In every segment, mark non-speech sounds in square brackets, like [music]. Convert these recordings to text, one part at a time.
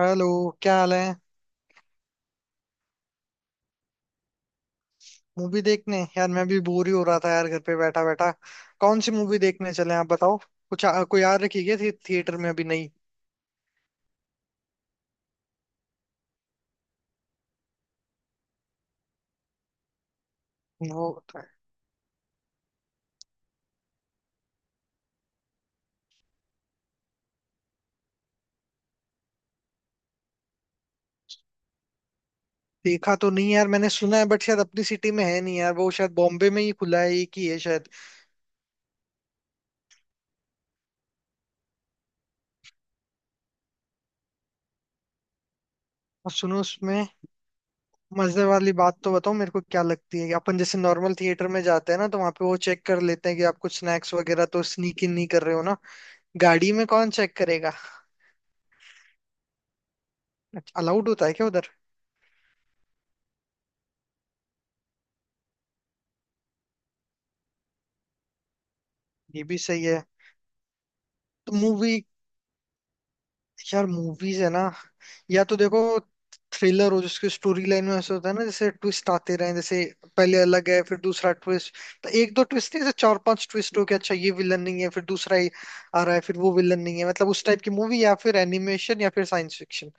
Hello. क्या हाल है? मूवी देखने, यार मैं भी बोर ही हो रहा था यार घर पे बैठा बैठा। कौन सी मूवी देखने चले, आप बताओ। कुछ कोई याद रखी क्या थी थिएटर में? अभी नहीं वो। देखा तो नहीं यार, मैंने सुना है बट शायद अपनी सिटी में है नहीं यार। वो शायद बॉम्बे में ही खुला है, एक ही है शायद। और सुनो उसमें मजे वाली बात तो बताओ मेरे को, क्या लगती है कि अपन जैसे नॉर्मल थिएटर में जाते हैं ना, तो वहां पे वो चेक कर लेते हैं कि आप कुछ स्नैक्स वगैरह तो स्नीक इन नहीं कर रहे हो ना। गाड़ी में कौन चेक करेगा? अलाउड होता है क्या उधर? ये भी सही है। तो मूवी, यार मूवीज है ना, या तो देखो थ्रिलर हो जिसकी स्टोरी लाइन में ऐसा होता है ना जैसे ट्विस्ट आते रहे। जैसे पहले अलग है, फिर दूसरा ट्विस्ट। तो एक दो ट्विस्ट नहीं, जैसे चार पांच ट्विस्ट हो के अच्छा ये विलन नहीं है, फिर दूसरा ही आ रहा है, फिर वो विलन नहीं है। मतलब उस टाइप की मूवी, या फिर एनिमेशन, या फिर साइंस फिक्शन।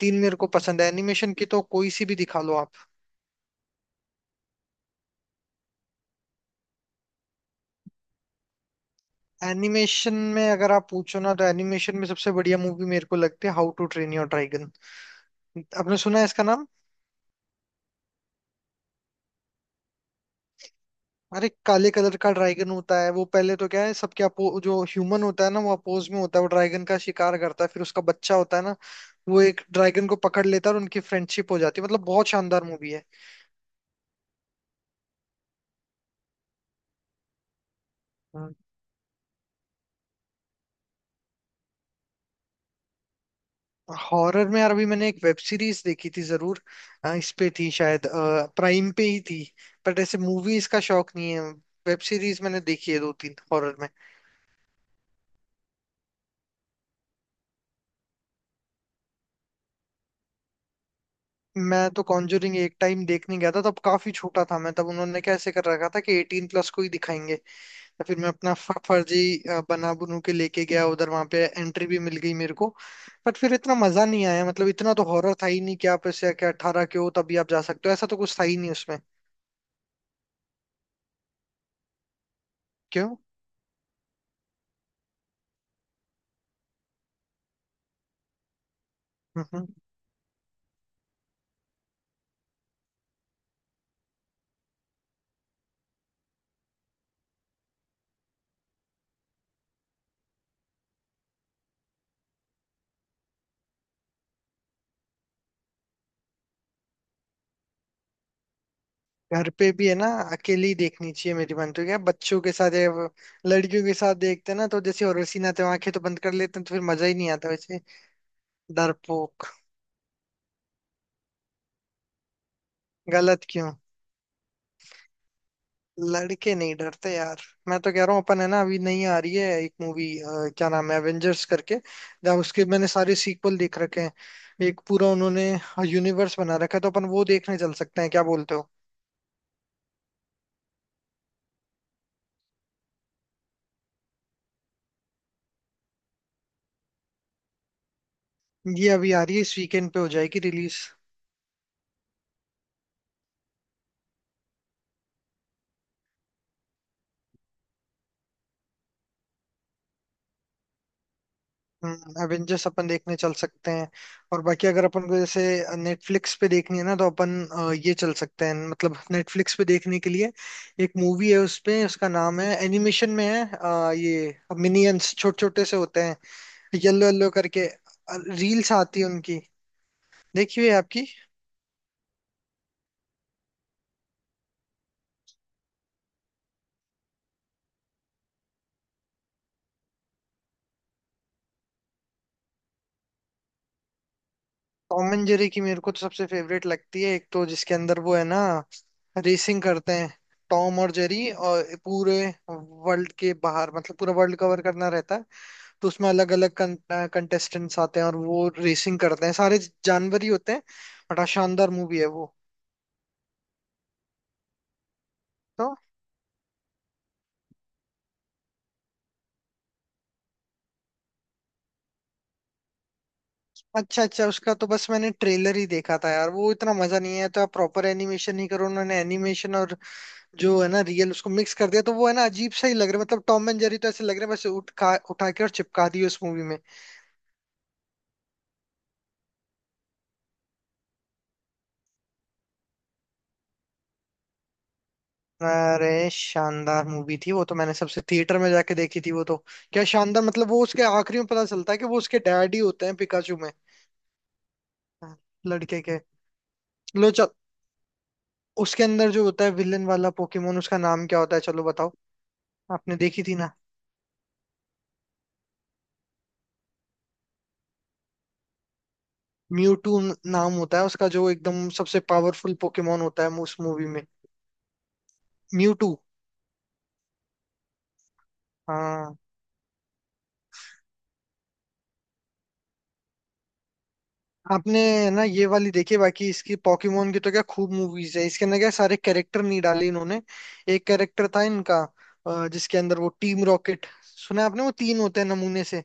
तीन मेरे को पसंद है। एनिमेशन की तो कोई सी भी दिखा लो आप। एनिमेशन में अगर आप पूछो ना, तो एनिमेशन में सबसे बढ़िया मूवी मेरे को लगती है how to train your dragon. आपने सुना है इसका नाम? अरे काले कलर का ड्रैगन होता है वो। पहले तो क्या है, सबके अपो, जो ह्यूमन होता है ना वो अपोज में होता है, वो ड्रैगन का शिकार करता है। फिर उसका बच्चा होता है ना, वो एक ड्रैगन को पकड़ लेता है और उनकी फ्रेंडशिप हो जाती है। मतलब बहुत शानदार मूवी है। हाँ। हॉरर में यार अभी मैंने एक वेब सीरीज देखी थी जरूर। इस पे थी शायद, प्राइम पे ही थी। बट ऐसे मूवीज का शौक नहीं है। वेब सीरीज मैंने देखी है दो तीन हॉरर में। मैं तो कॉन्जरिंग एक टाइम देखने गया था, तब काफी छोटा था मैं। तब उन्होंने कैसे कर रखा था कि एटीन प्लस को ही दिखाएंगे। तो फिर मैं अपना फर्जी बना बनू के लेके गया उधर, वहां पे एंट्री भी मिल गई मेरे को। बट फिर इतना मजा नहीं आया। मतलब इतना तो हॉरर था ही नहीं कि आप ऐसे कि अठारह के हो तभी आप जा सकते हो, ऐसा तो कुछ था ही नहीं उसमें। क्यों? हम्म, घर पे भी है ना, अकेली देखनी चाहिए, मेरी मानते हो क्या? बच्चों के साथ या वो लड़कियों के साथ देखते हैं ना, तो जैसे हॉरर सीन आते हैं आंखें तो बंद कर लेते हैं, तो फिर मजा ही नहीं आता वैसे। डरपोक। गलत क्यों? लड़के नहीं डरते यार। मैं तो कह रहा हूँ, अपन है ना अभी नहीं आ रही है एक मूवी, क्या नाम है, एवेंजर्स करके। जहाँ उसके मैंने सारे सीक्वल देख रखे हैं, एक पूरा उन्होंने यूनिवर्स बना रखा है। तो अपन वो देखने चल सकते हैं, क्या बोलते हो? ये अभी आ रही है, इस वीकेंड पे हो जाएगी रिलीज। एवेंजर्स अपन देखने चल सकते हैं। और बाकी अगर अपन को जैसे नेटफ्लिक्स पे देखनी है ना, तो अपन ये चल सकते हैं। मतलब नेटफ्लिक्स पे देखने के लिए एक मूवी है उसपे, उसका नाम है, एनिमेशन में है, ये मिनियंस, छोटे छोटे से होते हैं, येलो येलो करके। रील्स आती है उनकी, देखी हुई है आपकी। टॉम एंड जेरी की मेरे को तो सबसे फेवरेट लगती है एक, तो जिसके अंदर वो है ना रेसिंग करते हैं टॉम और जेरी, और पूरे वर्ल्ड के बाहर, मतलब पूरा वर्ल्ड कवर करना रहता है। तो उसमें अलग अलग कंटेस्टेंट्स आते हैं और वो रेसिंग करते हैं, सारे जानवर ही होते हैं। बड़ा शानदार मूवी है वो तो। अच्छा अच्छा, उसका तो बस मैंने ट्रेलर ही देखा था यार। वो इतना मजा नहीं आया। तो आप प्रॉपर एनिमेशन ही करो। उन्होंने एनिमेशन और जो है ना रियल, उसको मिक्स कर दिया, तो वो है ना अजीब सा ही लग रहा है। मतलब टॉम एंड जेरी तो ऐसे लग रहा है बस उठा उठा के और चिपका दिए उस मूवी में। अरे शानदार मूवी थी वो तो, मैंने सबसे थिएटर में जाके देखी थी वो तो। क्या शानदार, मतलब वो उसके आखिरी में पता चलता है कि वो उसके डैडी होते हैं पिकाचू में। हाँ, लड़के के। लो चल, उसके अंदर जो होता है विलन वाला पोकेमोन, उसका नाम क्या होता है, चलो बताओ। आपने देखी थी ना? म्यूटू नाम होता है उसका, जो एकदम सबसे पावरफुल पोकेमोन होता है उस मूवी में। म्यूटू। हाँ। आपने ना ये वाली देखी, बाकी इसकी पॉकीमोन की तो क्या खूब मूवीज है। इसके अंदर क्या सारे कैरेक्टर नहीं डाले इन्होंने। एक कैरेक्टर था इनका जिसके अंदर वो टीम रॉकेट, सुना है आपने? वो तीन होते हैं नमूने से।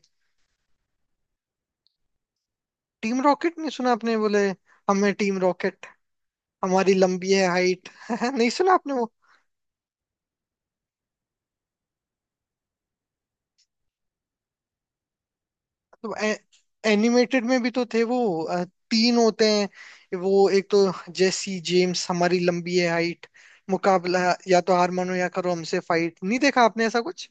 टीम रॉकेट नहीं सुना आपने? बोले, हमें टीम रॉकेट हमारी लंबी है हाइट। [laughs] नहीं सुना आपने वो? तो एनिमेटेड में भी तो थे वो। अ, तीन होते हैं वो। एक तो जेसी जेम्स, हमारी लंबी है हाइट, मुकाबला या तो हार मानो या करो हमसे फाइट। नहीं देखा आपने ऐसा कुछ?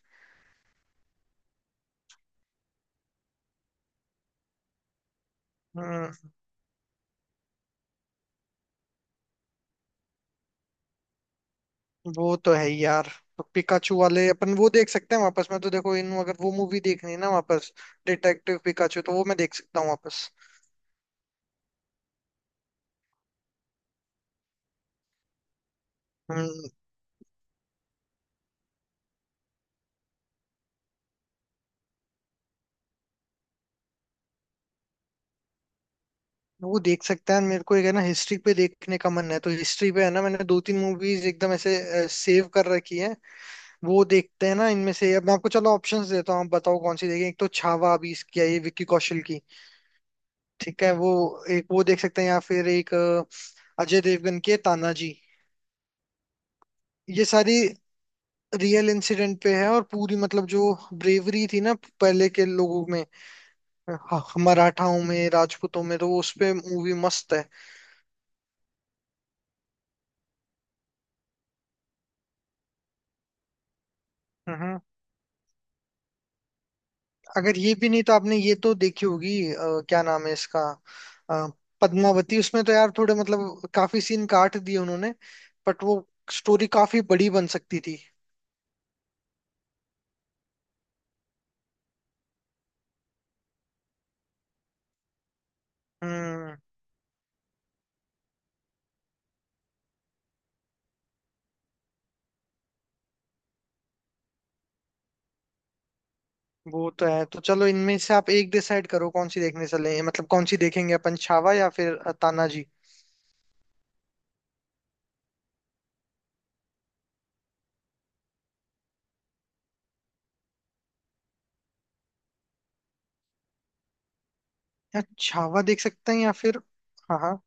वो तो है ही यार। पिकाचू वाले अपन वो देख सकते हैं वापस, मैं तो। देखो इन, अगर वो मूवी देखनी है ना वापस, डिटेक्टिव पिकाचू, तो वो मैं देख सकता हूँ वापस। हम्म, वो देख सकते हैं। मेरे को एक है ना हिस्ट्री पे देखने का मन है, तो हिस्ट्री पे है ना, मैंने दो तीन मूवीज एकदम ऐसे सेव कर रखी है। वो देखते हैं ना इनमें से। अब मैं आपको चलो ऑप्शंस देता हूँ, आप बताओ कौन सी देखें। एक तो छावा, अभी इसकी आई है विक्की कौशल की, ठीक है वो। एक वो देख सकते हैं, या फिर एक अजय देवगन की है, तानाजी। ये सारी रियल इंसिडेंट पे है और पूरी मतलब जो ब्रेवरी थी ना पहले के लोगों में, मराठाओं में, राजपूतों में, तो वो उस पे मूवी मस्त है। हम्म। अगर ये भी नहीं, तो आपने ये तो देखी होगी, क्या नाम है इसका, अ, पद्मावती। उसमें तो यार थोड़े मतलब काफी सीन काट दिए उन्होंने, बट वो स्टोरी काफी बड़ी बन सकती थी। हम्म। वो तो है। तो चलो इनमें से आप एक डिसाइड करो कौन सी देखने चले, मतलब कौन सी देखेंगे अपन, छावा या फिर तानाजी, या छावा देख सकते हैं, या फिर हाँ हाँ।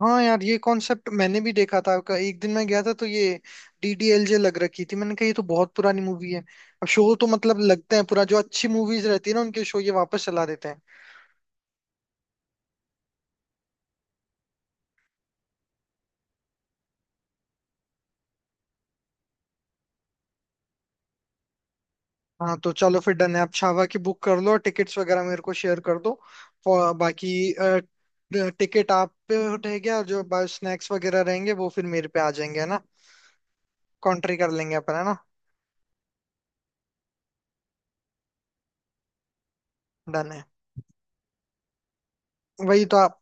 हाँ यार, ये कॉन्सेप्ट मैंने भी देखा था। एक दिन मैं गया था तो ये डीडीएलजे लग रखी थी। मैंने कहा ये तो बहुत पुरानी मूवी है। अब शो तो मतलब लगते हैं, पूरा जो अच्छी मूवीज रहती है ना उनके शो ये वापस चला देते हैं। हाँ तो चलो फिर डन है। आप छावा की बुक कर लो और टिकट्स वगैरह मेरे को शेयर कर दो। और बाकी टिकट आप पे रहेगा, और जो स्नैक्स वगैरह रहेंगे वो फिर मेरे पे आ जाएंगे, है ना? कॉन्ट्री कर लेंगे अपन, है ना? डन है। वही तो आप।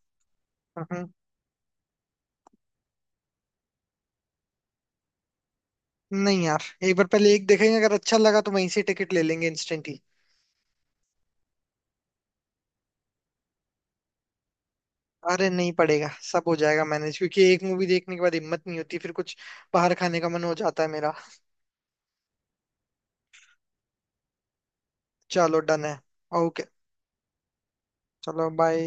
हम्म, नहीं यार, एक बार पहले एक देखेंगे, अगर अच्छा लगा तो वहीं से टिकट ले लेंगे इंस्टेंट। अरे नहीं पड़ेगा, सब हो जाएगा मैनेज। क्योंकि एक मूवी देखने के बाद हिम्मत नहीं होती, फिर कुछ बाहर खाने का मन हो जाता है मेरा। चलो डन है। ओके। चलो बाय।